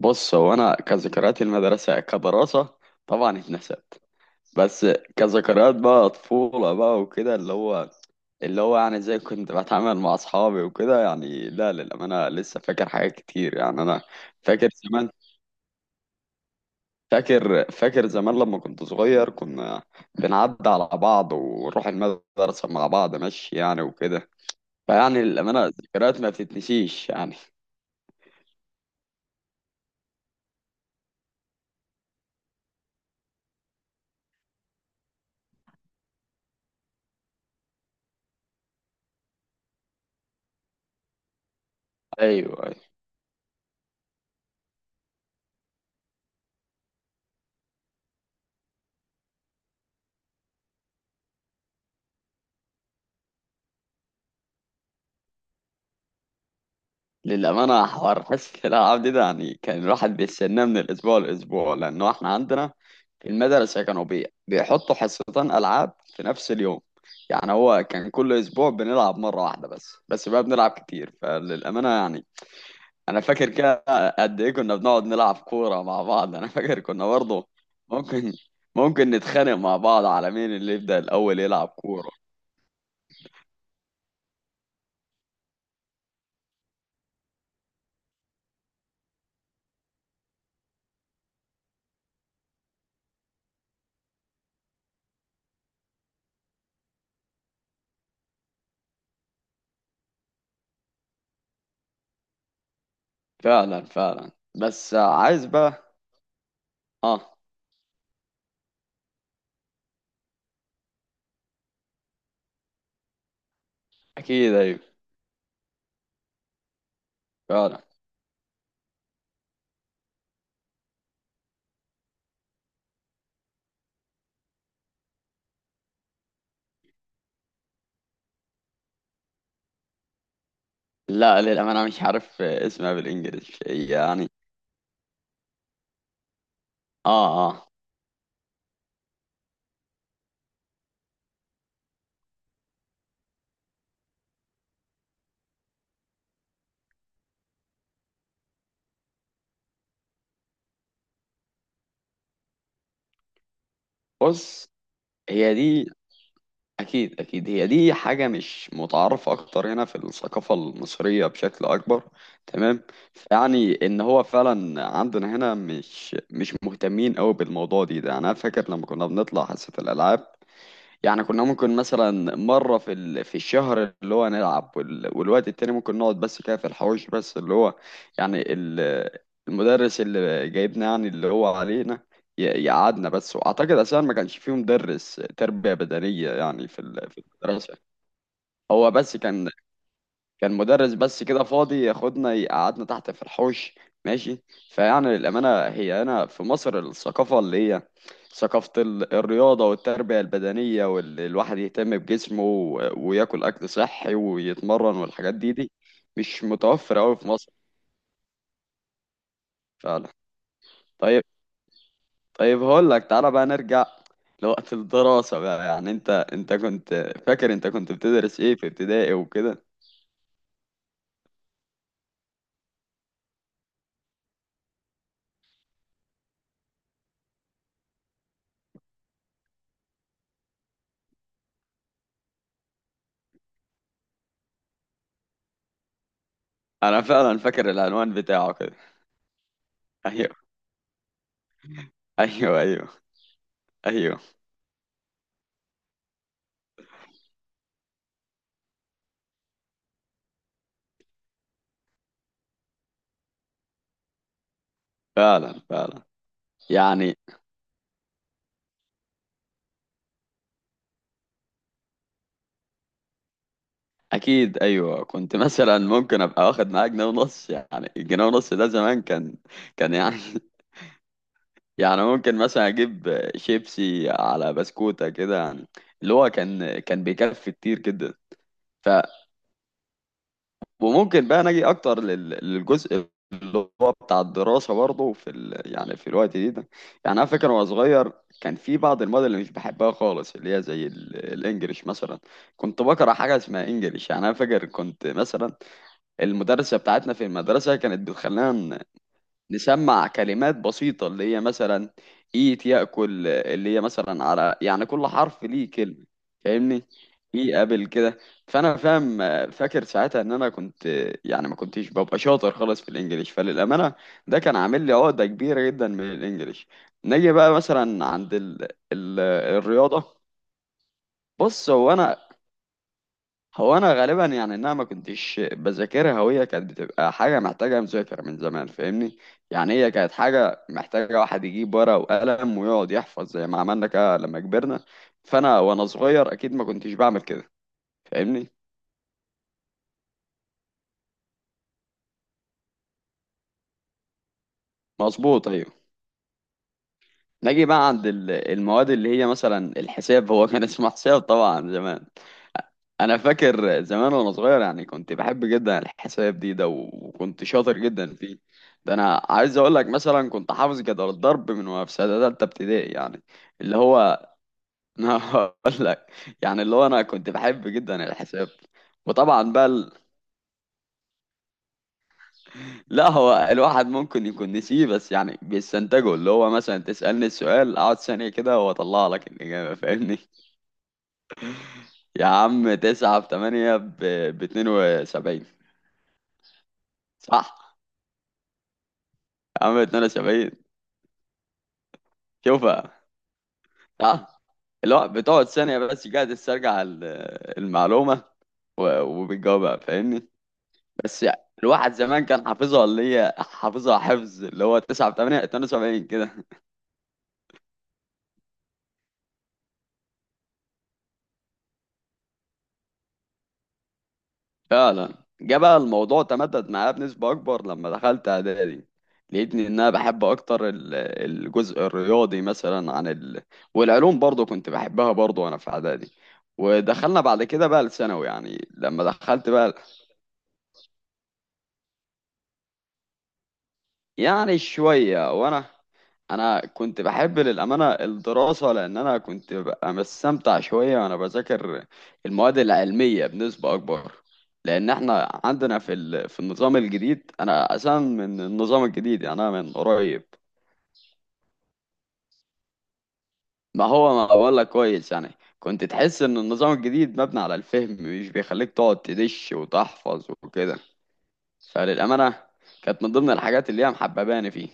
بص هو انا كذكريات المدرسه كدراسه طبعا اتنست. بس كذكريات بقى طفوله بقى وكده اللي هو يعني زي كنت بتعامل مع اصحابي وكده، يعني لا للامانه لسه فاكر حاجات كتير يعني. انا فاكر زمان، فاكر زمان لما كنت صغير. كنا بنعدي على بعض ونروح المدرسه مع بعض ماشي يعني وكده. فيعني للامانه الذكريات ما بتتنسيش يعني. ايوه، للأمانة حوار حصة الألعاب دي ده يعني كان الواحد بيستناه من الأسبوع للأسبوع، لأنه إحنا عندنا في المدرسة كانوا بيحطوا حصتين ألعاب في نفس اليوم. يعني هو كان كل أسبوع بنلعب مرة واحدة بس بقى بنلعب كتير. فللأمانة يعني أنا فاكر كده. قد إيه كنا بنقعد نلعب كورة مع بعض! أنا فاكر كنا برضه ممكن ممكن نتخانق مع بعض على مين اللي يبدأ الأول يلعب كورة. فعلا فعلا. بس عايز بقى. آه. أكيد. أيوه. فعلا. لا للأمانة مش عارف اسمها بالإنجلش يعني. آه آه. بص، هي دي. أكيد أكيد هي دي حاجة مش متعارفة أكتر هنا في الثقافة المصرية بشكل أكبر، تمام. يعني إن هو فعلا عندنا هنا مش مهتمين أوي بالموضوع دي ده. أنا فاكر لما كنا بنطلع حصة الألعاب، يعني كنا ممكن مثلا مرة في الشهر اللي هو نلعب، والوقت التاني ممكن نقعد بس كده في الحوش بس، اللي هو يعني المدرس اللي جايبنا يعني اللي هو علينا يقعدنا بس. وأعتقد أساسا ما كانش فيه مدرس تربية بدنية يعني في المدرسة. هو بس كان مدرس بس كده فاضي ياخدنا يقعدنا تحت في الحوش ماشي. فيعني للأمانة هي هنا في مصر الثقافة اللي هي ثقافة الرياضة والتربية البدنية، واللي الواحد يهتم بجسمه وياكل أكل صحي ويتمرن والحاجات دي مش متوفرة أوي في مصر. فعلا. طيب. طيب، هقول لك تعالى بقى نرجع لوقت الدراسة بقى. يعني انت كنت فاكر انت كنت بتدرس ايه في ابتدائي وكده؟ انا فعلا فاكر العنوان بتاعه كده. ايوه ايوه. ايوه ايوه. فعلا فعلا، يعني. اكيد ايوه، كنت مثلا ممكن ابقى واخد معايا جنيه ونص. يعني الجنيه ونص ده زمان كان، كان يعني. يعني ممكن مثلا اجيب شيبسي على بسكوتة كده يعني، اللي هو كان بيكفي كتير جدا. وممكن بقى نجي اكتر للجزء اللي هو بتاع الدراسه برضه يعني في الوقت دي ده. يعني انا فاكر وانا صغير كان في بعض المواد اللي مش بحبها خالص، اللي هي زي الانجليش مثلا. كنت بكره حاجه اسمها انجليش يعني. انا فاكر كنت مثلا المدرسه بتاعتنا، في المدرسه كانت بتخلينا نسمع كلمات بسيطة اللي هي مثلا إيت يأكل، اللي هي مثلا على يعني كل حرف ليه كلمة. فاهمني؟ إيه قبل كده. فأنا فاهم، فاكر ساعتها إن أنا كنت يعني ما كنتش ببقى شاطر خالص في الإنجليش. فللأمانة ده كان عامل لي عقدة كبيرة جدا من الإنجليش. نيجي بقى مثلا عند ال... الرياضة. بص هو انا غالبا يعني انها ما كنتش بذاكرها، وهي كانت بتبقى حاجه محتاجه مذاكره من زمان، فاهمني؟ يعني هي كانت حاجه محتاجه واحد يجيب ورقه وقلم ويقعد يحفظ زي ما عملنا كده لما كبرنا. فانا وانا صغير اكيد ما كنتش بعمل كده، فاهمني؟ مظبوط، ايوه. نجي بقى عند المواد اللي هي مثلا الحساب. هو كان اسمه حساب طبعا زمان. انا فاكر زمان وانا صغير يعني كنت بحب جدا الحساب ده، وكنت شاطر جدا فيه. ده انا عايز اقول لك مثلا كنت حافظ جدول الضرب من وانا في سنه ثالثه ابتدائي يعني، اللي هو انا هقول لك. يعني اللي هو انا كنت بحب جدا الحساب، وطبعا بقى لا، هو الواحد ممكن يكون نسيه، بس يعني بيستنتجه. اللي هو مثلا تسألني السؤال، اقعد ثانية كده واطلع لك الإجابة، فاهمني؟ يا عم تسعة في تمانية ب 72. صح. يا عم 72. شوفها. اه، اللي هو بتقعد ثانية بس قاعد تسترجع المعلومة، وبتجاوبها، فاهمني؟ بس يعني الواحد زمان كان حافظها، اللي هي حافظها حفظ، اللي هو 9 في 8 72 كده. فعلا. جه بقى الموضوع تمدد معايا بنسبة أكبر لما دخلت إعدادي. لقيتني إن أنا بحب أكتر الجزء الرياضي مثلا عن والعلوم برضو كنت بحبها برضو وأنا في إعدادي. ودخلنا بعد كده بقى الثانوي. يعني لما دخلت بقى يعني شوية، وانا كنت بحب للأمانة الدراسة، لان انا كنت ببقى مستمتع شوية وانا بذاكر المواد العلمية بنسبة اكبر. لان احنا عندنا في النظام الجديد، انا اساسا من النظام الجديد يعني انا من قريب. ما هو ما بقول لك كويس يعني. كنت تحس ان النظام الجديد مبني على الفهم، مش بيخليك تقعد تدش وتحفظ وكده. فللأمانة كانت من ضمن الحاجات اللي هي محبباني فيه.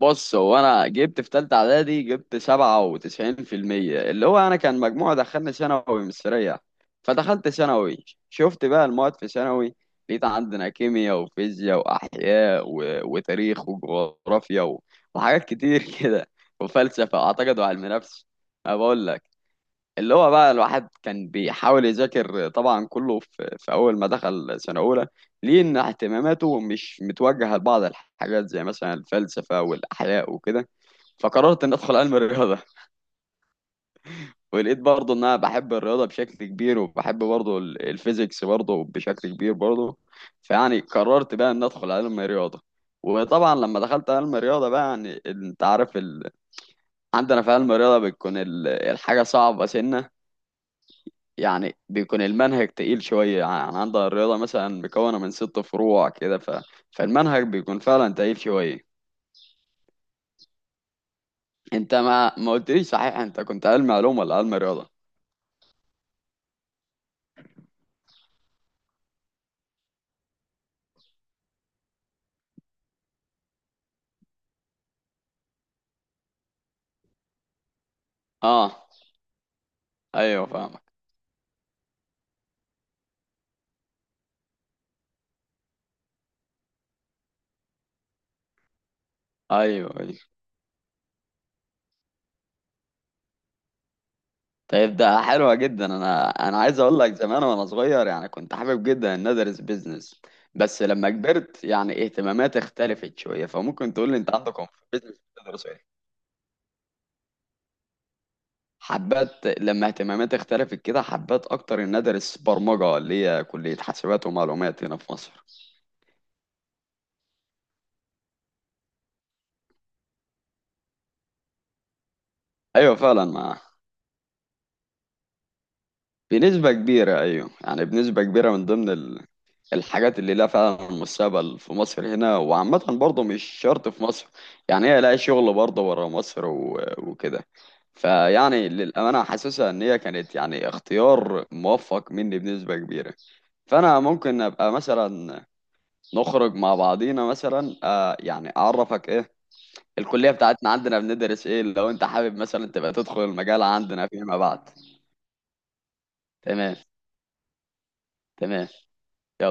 بص هو انا جبت في تالتة اعدادي، جبت 97%، اللي هو انا كان مجموع دخلني ثانوي مش سريع. فدخلت ثانوي شفت بقى المواد في ثانوي، لقيت عندنا كيمياء وفيزياء واحياء وتاريخ وجغرافيا وحاجات كتير كده، وفلسفة اعتقد وعلم نفس. ما بقول لك، اللي هو بقى الواحد كان بيحاول يذاكر طبعا كله في أول ما دخل سنة أولى، ليه إن اهتماماته مش متوجهة لبعض الحاجات زي مثلا الفلسفة والأحياء وكده. فقررت إن أدخل علم الرياضة. ولقيت برضه إن أنا بحب الرياضة بشكل كبير، وبحب برضه الفيزيكس برضه بشكل كبير برضه. فيعني قررت بقى إن أدخل علم الرياضة. وطبعا لما دخلت علم الرياضة بقى يعني انت عارف عندنا في علم الرياضة بتكون الحاجة صعبة سنة. يعني بيكون المنهج تقيل شوية. يعني عندها الرياضة مثلا مكونة من 6 فروع كده، فالمنهج بيكون فعلا تقيل شوية. انت ما قلتليش صحيح انت كنت علم علوم ولا علم رياضة؟ اه، ايوه فاهمك. ايوه ايوه. طيب ده حلوة جدا. انا عايز اقول لك زمان وانا صغير يعني كنت حابب جدا ان ادرس بيزنس، بس لما كبرت يعني اهتماماتي اختلفت شوية. فممكن تقول لي انت عندكم في البيزنس بتدرسوا ايه؟ حبات لما اهتماماتي اختلفت كده، حبات اكتر ان ادرس برمجه، اللي هي كليه حاسبات ومعلومات هنا في مصر. ايوه فعلا، ما بنسبه كبيره. ايوه يعني بنسبه كبيره من ضمن الحاجات اللي لها فعلا مستقبل في مصر هنا، وعامه برضه مش شرط في مصر، يعني هي لها شغل برضه بره مصر وكده. فيعني للامانه حاسسها ان هي كانت يعني اختيار موفق مني بنسبه كبيره. فانا ممكن ابقى مثلا نخرج مع بعضينا مثلا، يعني اعرفك ايه الكليه بتاعتنا، عندنا بندرس ايه، لو انت حابب مثلا تبقى تدخل المجال عندنا فيما بعد. تمام تمام. يلا.